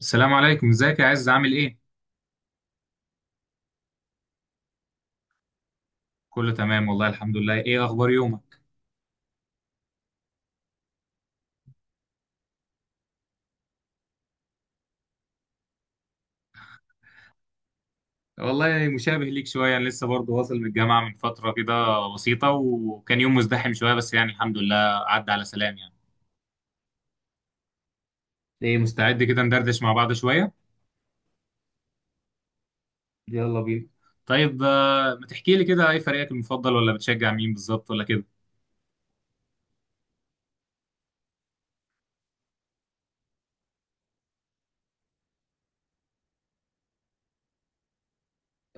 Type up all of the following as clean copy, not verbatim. السلام عليكم، ازيك يا عز؟ عامل ايه؟ كله تمام والله الحمد لله. ايه اخبار يومك؟ والله مشابه ليك شويه، انا لسه برضه واصل من الجامعه من فتره كده بسيطه، وكان يوم مزدحم شويه بس يعني الحمد لله عدى على سلام يعني. ايه، مستعد كده ندردش مع بعض شويه؟ يلا بينا. طيب، ما تحكي لي كده، ايه فريقك المفضل ولا بتشجع مين بالظبط ولا كده؟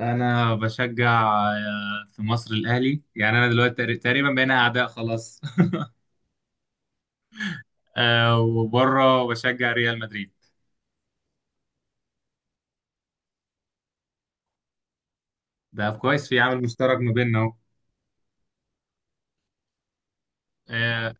انا بشجع في مصر الاهلي، يعني انا دلوقتي تقريبا بقينا اعداء خلاص وبره بشجع ريال مدريد. ده كويس، في عامل مشترك ما بيننا. آه،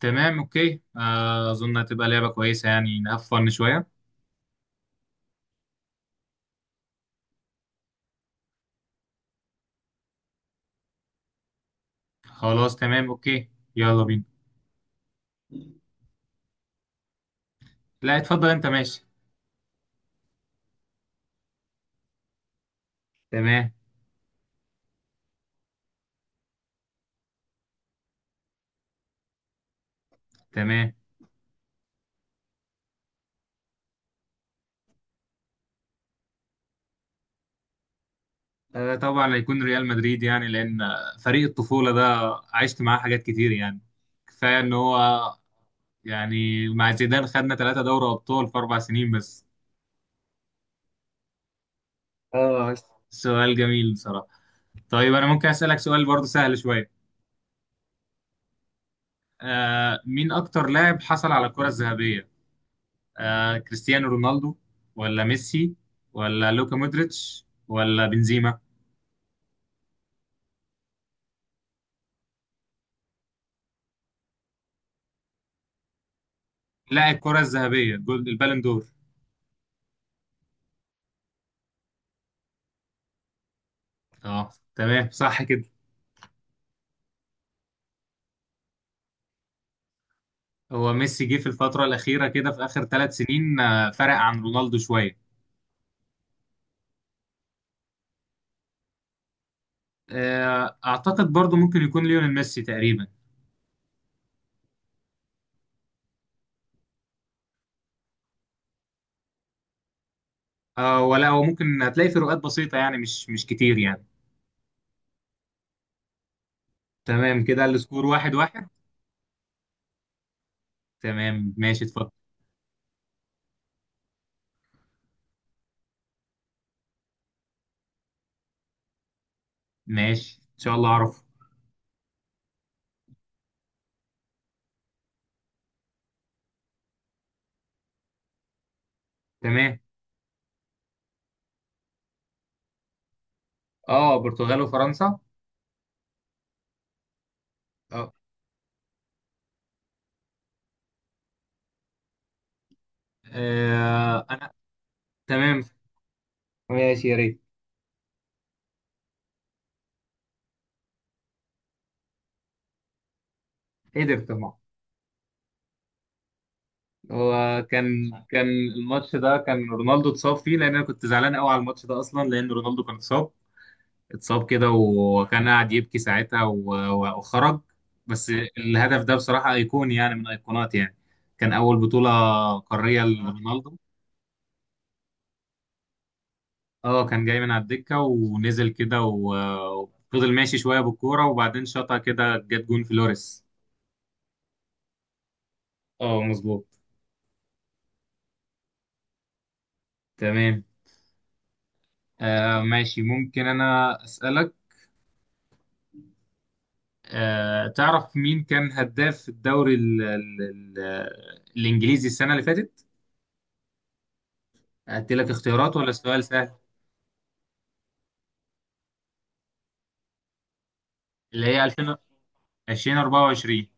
تمام، اوكي. اظن هتبقى لعبة كويسة، يعني نقفل شوية. خلاص، تمام، اوكي. يلا بينا. لا، اتفضل انت، ماشي. تمام. تمام. طبعا هيكون ريال مدريد، يعني لان فريق الطفولة ده عشت معاه حاجات كتير يعني. كفاية ان هو. يعني مع زيدان خدنا 3 دوري ابطال في 4 سنين بس. اه بس. سؤال جميل بصراحة. طيب انا ممكن اسألك سؤال برضه سهل شوية؟ مين اكتر لاعب حصل على الكرة الذهبية؟ كريستيانو رونالدو، ولا ميسي، ولا لوكا مودريتش ولا بنزيما؟ لا، الكرة الذهبية، جول البالون دور. اه تمام، صح كده. هو ميسي جه في الفترة الأخيرة كده في آخر 3 سنين، فرق عن رونالدو شوية. أعتقد برضو ممكن يكون ليونيل ميسي تقريبا. ولا هو ممكن هتلاقي فروقات بسيطة يعني مش كتير يعني. تمام كده، السكور 1-1. تمام، ماشي، اتفضل. ماشي، إن شاء الله أعرف. تمام. اه، برتغال وفرنسا. اه. آه، تمام، ماشي، يا ريت. قدر طبعا. هو كان الماتش ده، كان رونالدو اتصاب فيه، لان انا كنت زعلان قوي على الماتش ده اصلا لان رونالدو كان اتصاب. اتصاب كده، وكان قاعد يبكي ساعتها وخرج. بس. الهدف ده بصراحة ايقوني، يعني من ايقونات يعني. كان اول بطولة قارية لرونالدو. اه كان جاي من على الدكة ونزل كده وفضل ماشي شوية بالكورة، وبعدين شاطها كده، جت جون فلوريس. اه مظبوط. تمام. ماشي، ممكن انا اسالك. تعرف مين كان هداف الدوري ال ال ال الإنجليزي السنة اللي فاتت؟ أدي لك اختيارات ولا سؤال سهل؟ اللي هي 2024.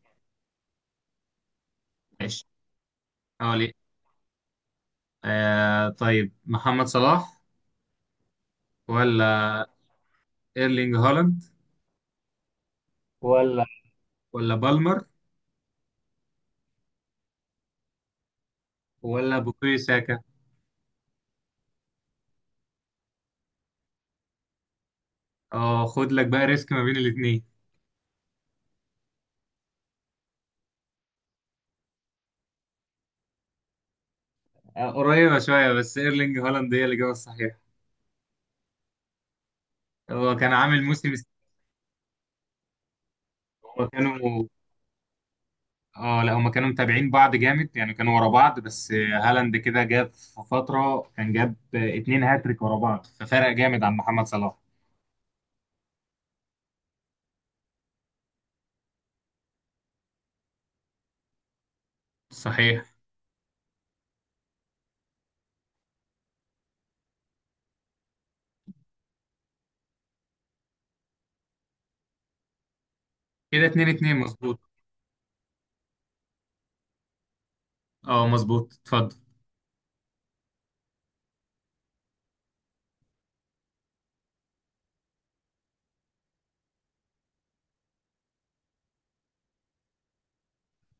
ماشي، اه ليه؟ طيب محمد صلاح، ولا ايرلينج هالاند، ولا ولا بالمر، ولا بوكوي ساكا؟ اه خد لك بقى ريسك ما بين الاثنين. قريبة شوية، بس ايرلينج هالاند هي الإجابة الصحيحة. هو كان عامل موسم هو كانوا. اه لا، هما كانوا متابعين بعض جامد يعني، كانوا ورا بعض، بس هالاند كده جاب في فترة، كان جاب 2 هاتريك ورا بعض، ففرق جامد عن محمد صلاح. صحيح. كده 2-2، مظبوط. اه مظبوط، اتفضل.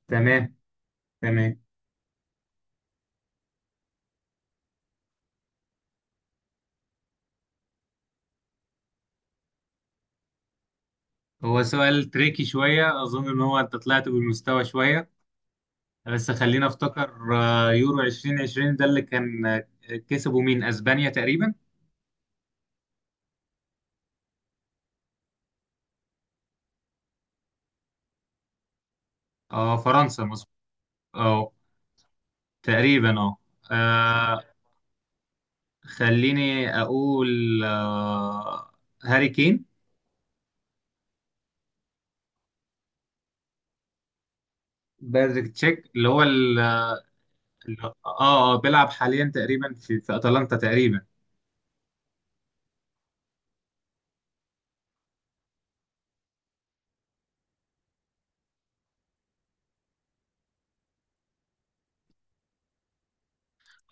تمام. تمام. هو سؤال تريكي شوية، أظن إن أنت طلعت بالمستوى شوية. بس خلينا أفتكر. يورو 2020 ده اللي كان كسبوا مين، أسبانيا تقريبا. اه فرنسا، مظبوط. اه تقريبا اه. آه، خليني اقول هاري كين. بايرد تشيك اللي هو ال- اه اه بيلعب حاليا تقريبا في اتلانتا تقريبا.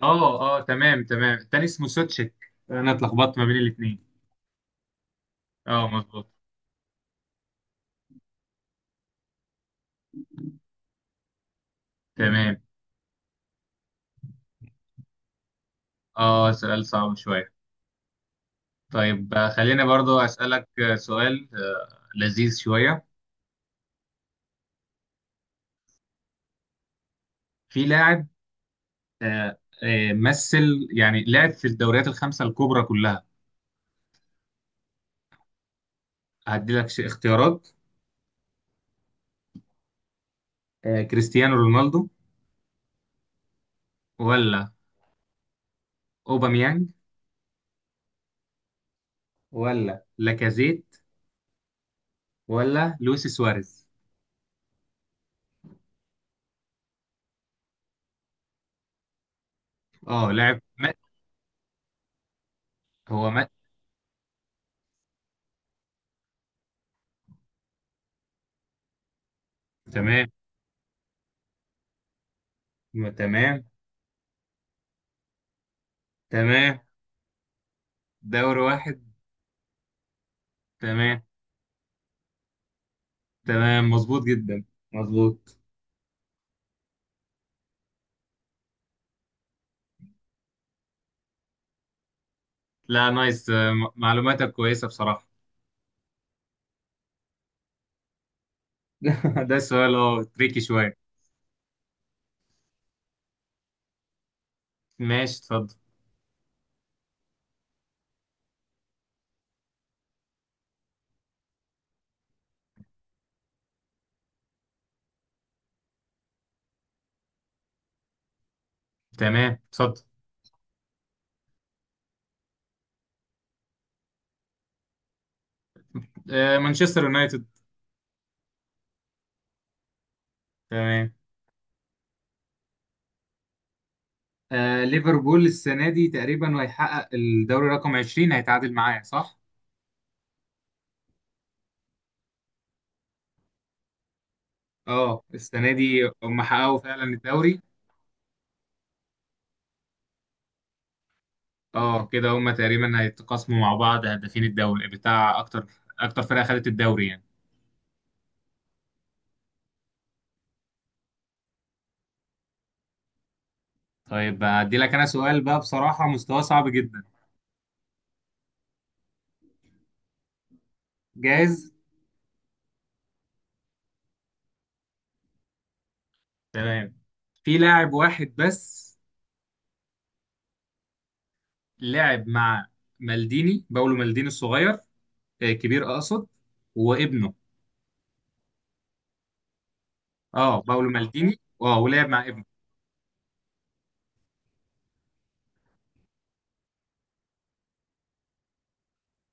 اه اه، تمام تمام، التاني اسمه سوتشيك. انا اتلخبطت ما بين الاثنين. اه مظبوط. تمام. اه سؤال صعب شويه. طيب، خليني برضو اسالك سؤال لذيذ شويه. في لاعب مثل يعني لعب في الدوريات الخمسه الكبرى كلها. هدي لك اختيارات. كريستيانو رونالدو، ولا اوباميانج، ولا لاكازيت، ولا لويس سواريز؟ اه، لاعب مات. هو مات. تمام. تمام. تمام. دوري واحد. تمام. تمام، مظبوط جدا. مظبوط. لا، نايس. معلوماتك كويسة بصراحة. ده سؤال تريكي شوية. ماشي، اتفضل. تمام، اتفضل. مانشستر يونايتد. تمام. ليفربول السنة دي تقريبا هيحقق الدوري رقم 20، هيتعادل معايا صح؟ اه السنة دي هم حققوا فعلا الدوري. اه كده هما تقريبا هيتقاسموا مع بعض هدافين الدوري بتاع اكتر، اكتر فرقه خدت الدوري يعني. طيب هدي لك انا سؤال بقى، بصراحه مستواه صعب جدا. جاهز. تمام. في لاعب واحد بس لعب مع مالديني، باولو مالديني الصغير، كبير اقصد، وابنه. اه باولو مالديني، اه ولعب مع ابنه.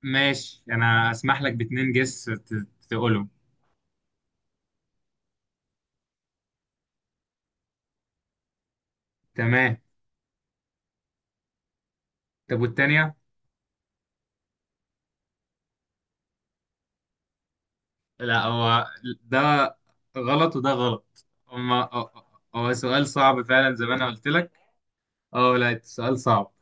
ماشي، انا اسمح لك باتنين جس تقولهم. تمام. طب والتانية؟ لا، هو ده غلط وده غلط هما. هو سؤال صعب فعلا زي ما انا قلت لك. اه لا، السؤال صعب.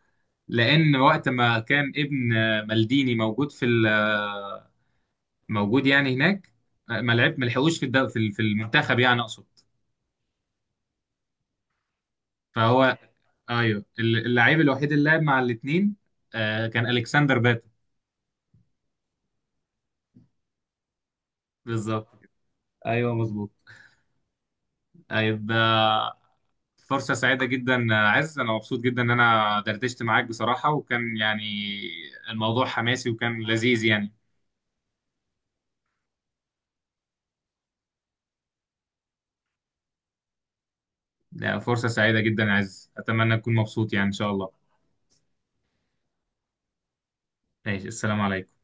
لان وقت ما كان ابن مالديني موجود موجود يعني هناك. ما لعب، ما لحقوش في الد- في ال- في المنتخب يعني اقصد. فهو. ايوه، اللعيب الوحيد اللي لعب مع الاثنين كان الكسندر باتو. بالظبط كده. ايوه مظبوط. طيب، فرصة سعيدة جدا عز، أنا مبسوط جدا إن أنا دردشت معاك بصراحة، وكان يعني الموضوع حماسي وكان لذيذ يعني. لا، فرصة سعيدة جدا يا عز، أتمنى تكون مبسوط يعني إن شاء الله. ماشي، السلام عليكم.